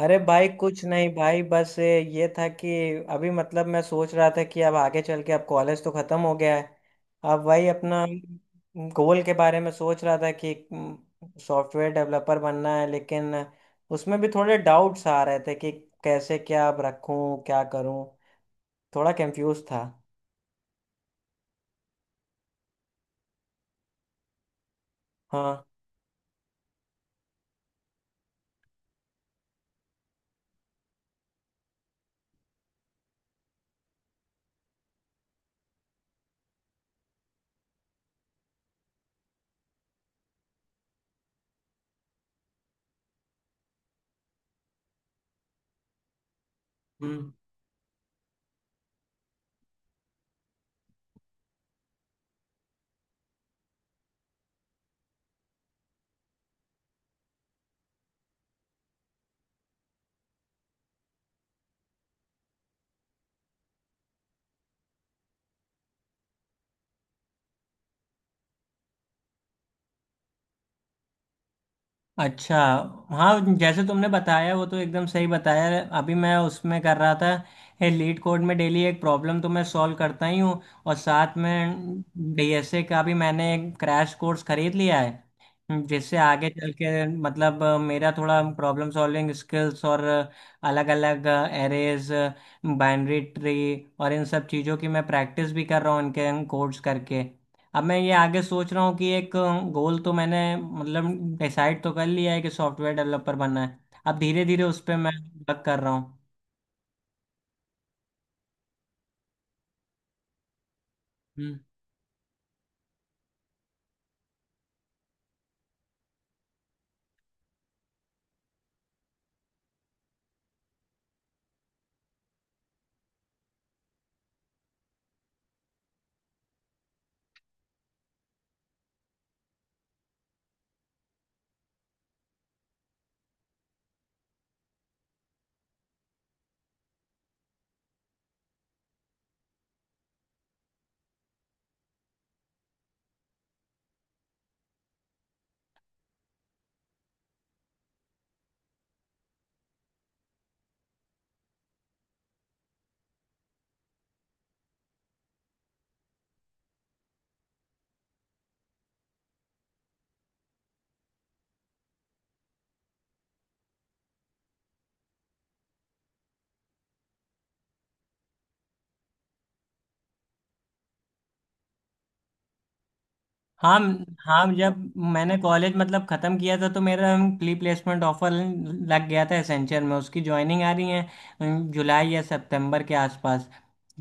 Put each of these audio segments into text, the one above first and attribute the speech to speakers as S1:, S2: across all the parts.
S1: अरे भाई कुछ नहीं भाई, बस ये था कि अभी मतलब मैं सोच रहा था कि अब आगे चल के अब कॉलेज तो ख़त्म हो गया है। अब वही अपना गोल के बारे में सोच रहा था कि सॉफ्टवेयर डेवलपर बनना है, लेकिन उसमें भी थोड़े डाउट्स आ रहे थे कि कैसे क्या अब रखूं क्या करूं। थोड़ा कंफ्यूज था। हाँ। हम्म। अच्छा। हाँ, जैसे तुमने बताया वो तो एकदम सही बताया। अभी मैं उसमें कर रहा था, लीड कोड में डेली एक प्रॉब्लम तो मैं सॉल्व करता ही हूँ और साथ में डीएसए का भी मैंने एक क्रैश कोर्स खरीद लिया है, जिससे आगे चल के मतलब मेरा थोड़ा प्रॉब्लम सॉल्विंग स्किल्स और अलग अलग एरेज, बाइनरी ट्री और इन सब चीज़ों की मैं प्रैक्टिस भी कर रहा हूँ इनके कोर्स करके। अब मैं ये आगे सोच रहा हूँ कि एक गोल तो मैंने मतलब डिसाइड तो कर लिया है कि सॉफ्टवेयर डेवलपर बनना है। अब धीरे धीरे उस पर मैं वर्क कर रहा हूँ। हम्म। हाँ हाँ। जब मैंने कॉलेज मतलब ख़त्म किया था तो मेरा प्री प्लेसमेंट ऑफर लग गया था एसेंचर में। उसकी ज्वाइनिंग आ रही है जुलाई या सितंबर के आसपास।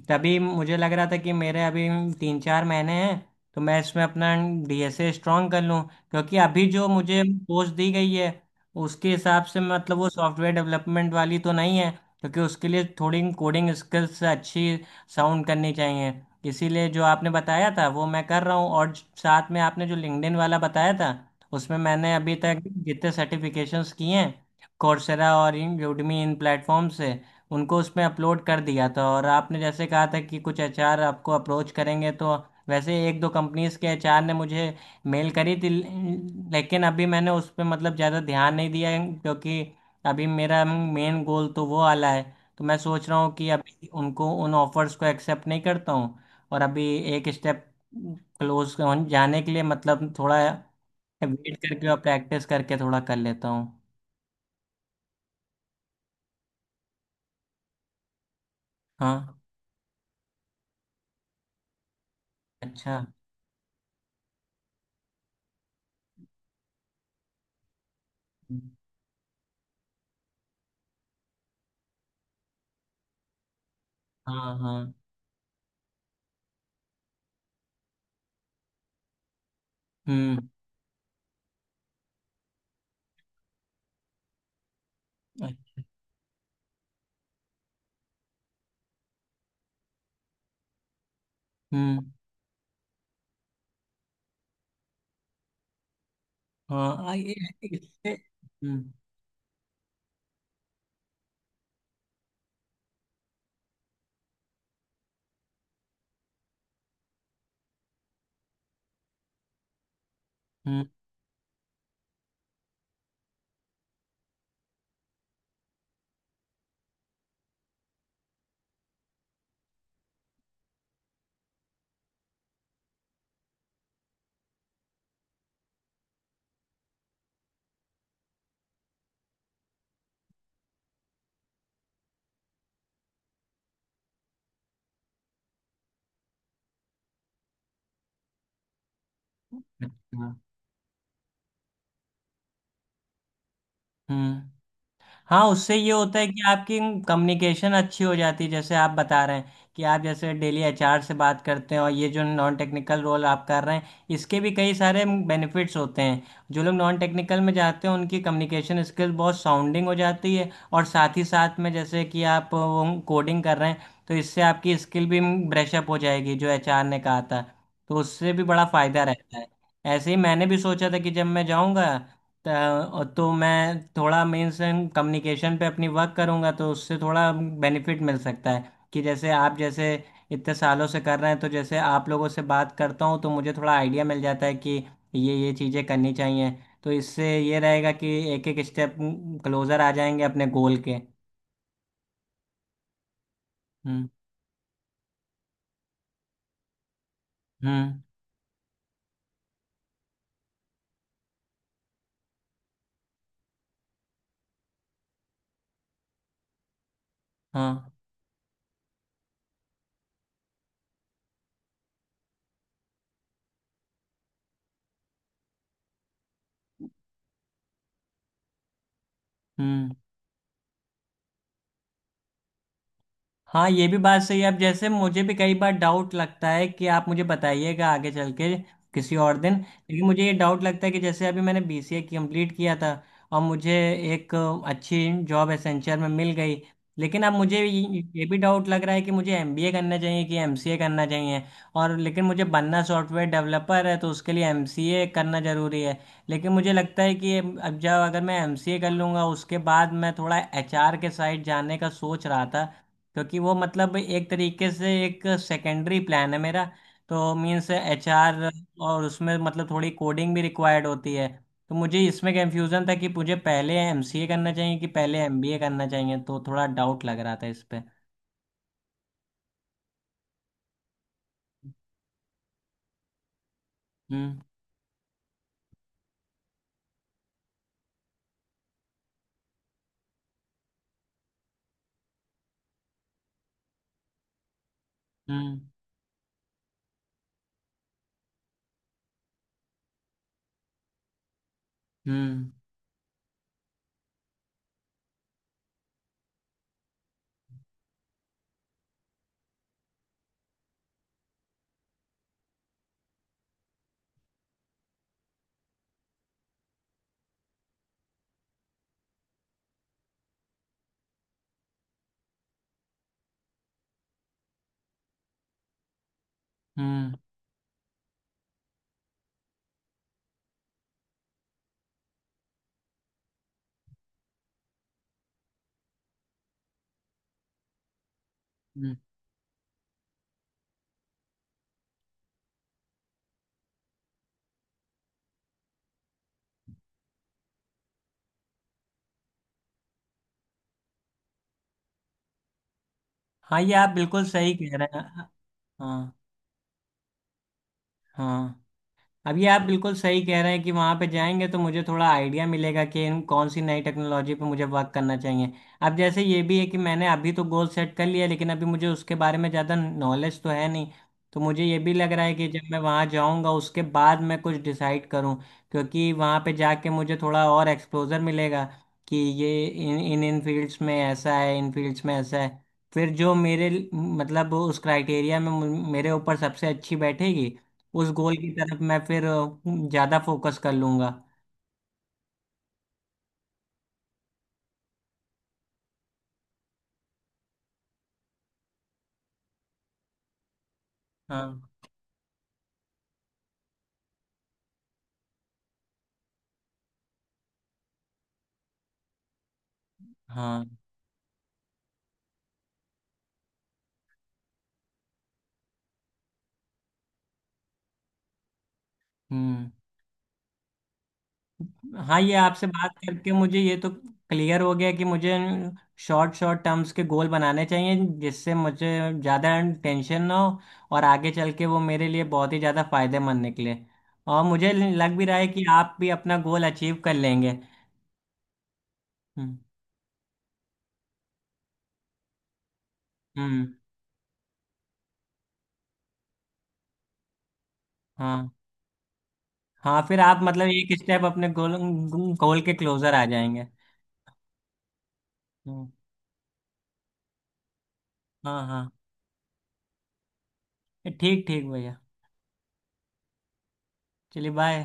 S1: तभी मुझे लग रहा था कि मेरे अभी तीन चार महीने हैं, तो मैं इसमें अपना डीएसए स्ट्रॉन्ग कर लूँ, क्योंकि अभी जो मुझे पोस्ट दी गई है उसके हिसाब से मतलब वो सॉफ्टवेयर डेवलपमेंट वाली तो नहीं है, क्योंकि उसके लिए थोड़ी कोडिंग स्किल्स अच्छी साउंड करनी चाहिए। इसीलिए जो आपने बताया था वो मैं कर रहा हूँ, और साथ में आपने जो लिंक्डइन वाला बताया था उसमें मैंने अभी तक जितने सर्टिफिकेशंस किए हैं कोर्सेरा और इन यूडमी इन प्लेटफॉर्म से, उनको उसमें अपलोड कर दिया था। और आपने जैसे कहा था कि कुछ एचआर आपको अप्रोच करेंगे, तो वैसे एक दो कंपनीज के एचआर ने मुझे मेल करी थी, लेकिन अभी मैंने उस पर मतलब ज़्यादा ध्यान नहीं दिया है, क्योंकि अभी मेरा मेन गोल तो वो वाला है। तो मैं सोच रहा हूँ कि अभी उनको उन ऑफर्स को एक्सेप्ट नहीं करता हूँ और अभी एक स्टेप क्लोज जाने के लिए मतलब थोड़ा वेट करके और प्रैक्टिस करके थोड़ा कर लेता हूँ। हाँ। अच्छा। हाँ हाँ। हम्म। हम्म। हाँ ये इससे। हम्म। हम्म। अच्छा। हम्म। हाँ, उससे ये होता है कि आपकी कम्युनिकेशन अच्छी हो जाती है, जैसे आप बता रहे हैं कि आप जैसे डेली एचआर से बात करते हैं। और ये जो नॉन टेक्निकल रोल आप कर रहे हैं इसके भी कई सारे बेनिफिट्स होते हैं। जो लोग नॉन टेक्निकल में जाते हैं उनकी कम्युनिकेशन स्किल बहुत साउंडिंग हो जाती है, और साथ ही साथ में जैसे कि आप वो कोडिंग कर रहे हैं तो इससे आपकी स्किल भी ब्रशअप हो जाएगी, जो एचआर ने कहा था। तो उससे भी बड़ा फायदा रहता है। ऐसे ही मैंने भी सोचा था कि जब मैं जाऊंगा तो मैं थोड़ा मीन्स एंड कम्युनिकेशन पे अपनी वर्क करूंगा, तो उससे थोड़ा बेनिफिट मिल सकता है कि जैसे आप जैसे इतने सालों से कर रहे हैं, तो जैसे आप लोगों से बात करता हूँ तो मुझे थोड़ा आइडिया मिल जाता है कि ये चीज़ें करनी चाहिए। तो इससे ये रहेगा कि एक एक स्टेप क्लोजर आ जाएंगे अपने गोल के। हम्म। हम्म। हाँ। हम्म। हाँ, ये भी बात सही है। अब जैसे मुझे भी कई बार डाउट लगता है कि आप मुझे बताइएगा आगे चल के किसी और दिन। लेकिन मुझे ये डाउट लगता है कि जैसे अभी मैंने बीसीए कंप्लीट किया था और मुझे एक अच्छी जॉब एसेंचर में मिल गई, लेकिन अब मुझे ये भी डाउट लग रहा है कि मुझे एमबीए करना चाहिए कि एमसीए करना चाहिए। और लेकिन मुझे बनना सॉफ्टवेयर डेवलपर है तो उसके लिए एमसीए करना ज़रूरी है। लेकिन मुझे लगता है कि अब जब अगर मैं एमसीए कर लूँगा उसके बाद मैं थोड़ा एचआर के साइड जाने का सोच रहा था, क्योंकि वो मतलब एक तरीके से एक सेकेंडरी प्लान है मेरा, तो मीन्स एचआर। और उसमें मतलब थोड़ी कोडिंग भी रिक्वायर्ड होती है। तो मुझे इसमें कंफ्यूजन था कि मुझे पहले एमसीए करना चाहिए कि पहले एमबीए करना चाहिए, तो थोड़ा डाउट लग रहा था इस पे। हम्म। हम्म। हम्म। हम्म। हम्म। हाँ, ये आप बिल्कुल सही कह रहे हैं। हाँ हाँ। अब ये आप बिल्कुल सही कह रहे हैं कि वहाँ पे जाएंगे तो मुझे थोड़ा आइडिया मिलेगा कि इन कौन सी नई टेक्नोलॉजी पे मुझे वर्क करना चाहिए। अब जैसे ये भी है कि मैंने अभी तो गोल सेट कर लिया, लेकिन अभी मुझे उसके बारे में ज़्यादा नॉलेज तो है नहीं। तो मुझे ये भी लग रहा है कि जब मैं वहाँ जाऊँगा उसके बाद मैं कुछ डिसाइड करूँ, क्योंकि वहाँ पे जाके मुझे थोड़ा और एक्सपोजर मिलेगा कि ये इन इन इन फील्ड्स में ऐसा है, इन फील्ड्स में ऐसा है। फिर जो मेरे मतलब उस क्राइटेरिया में मेरे ऊपर सबसे अच्छी बैठेगी उस गोल की तरफ मैं फिर ज्यादा फोकस कर लूंगा। हाँ हाँ। हम्म। हाँ, ये आपसे बात करके मुझे ये तो क्लियर हो गया कि मुझे शॉर्ट शॉर्ट टर्म्स के गोल बनाने चाहिए जिससे मुझे ज़्यादा टेंशन ना हो और आगे चल के वो मेरे लिए बहुत ही ज़्यादा फायदेमंद निकले। और मुझे लग भी रहा है कि आप भी अपना गोल अचीव कर लेंगे। हम्म। हम्म। हाँ हाँ, फिर आप मतलब एक स्टेप अपने गोल गोल के क्लोजर आ जाएंगे। हम्म। हाँ हाँ। ठीक ठीक भैया। चलिए, बाय।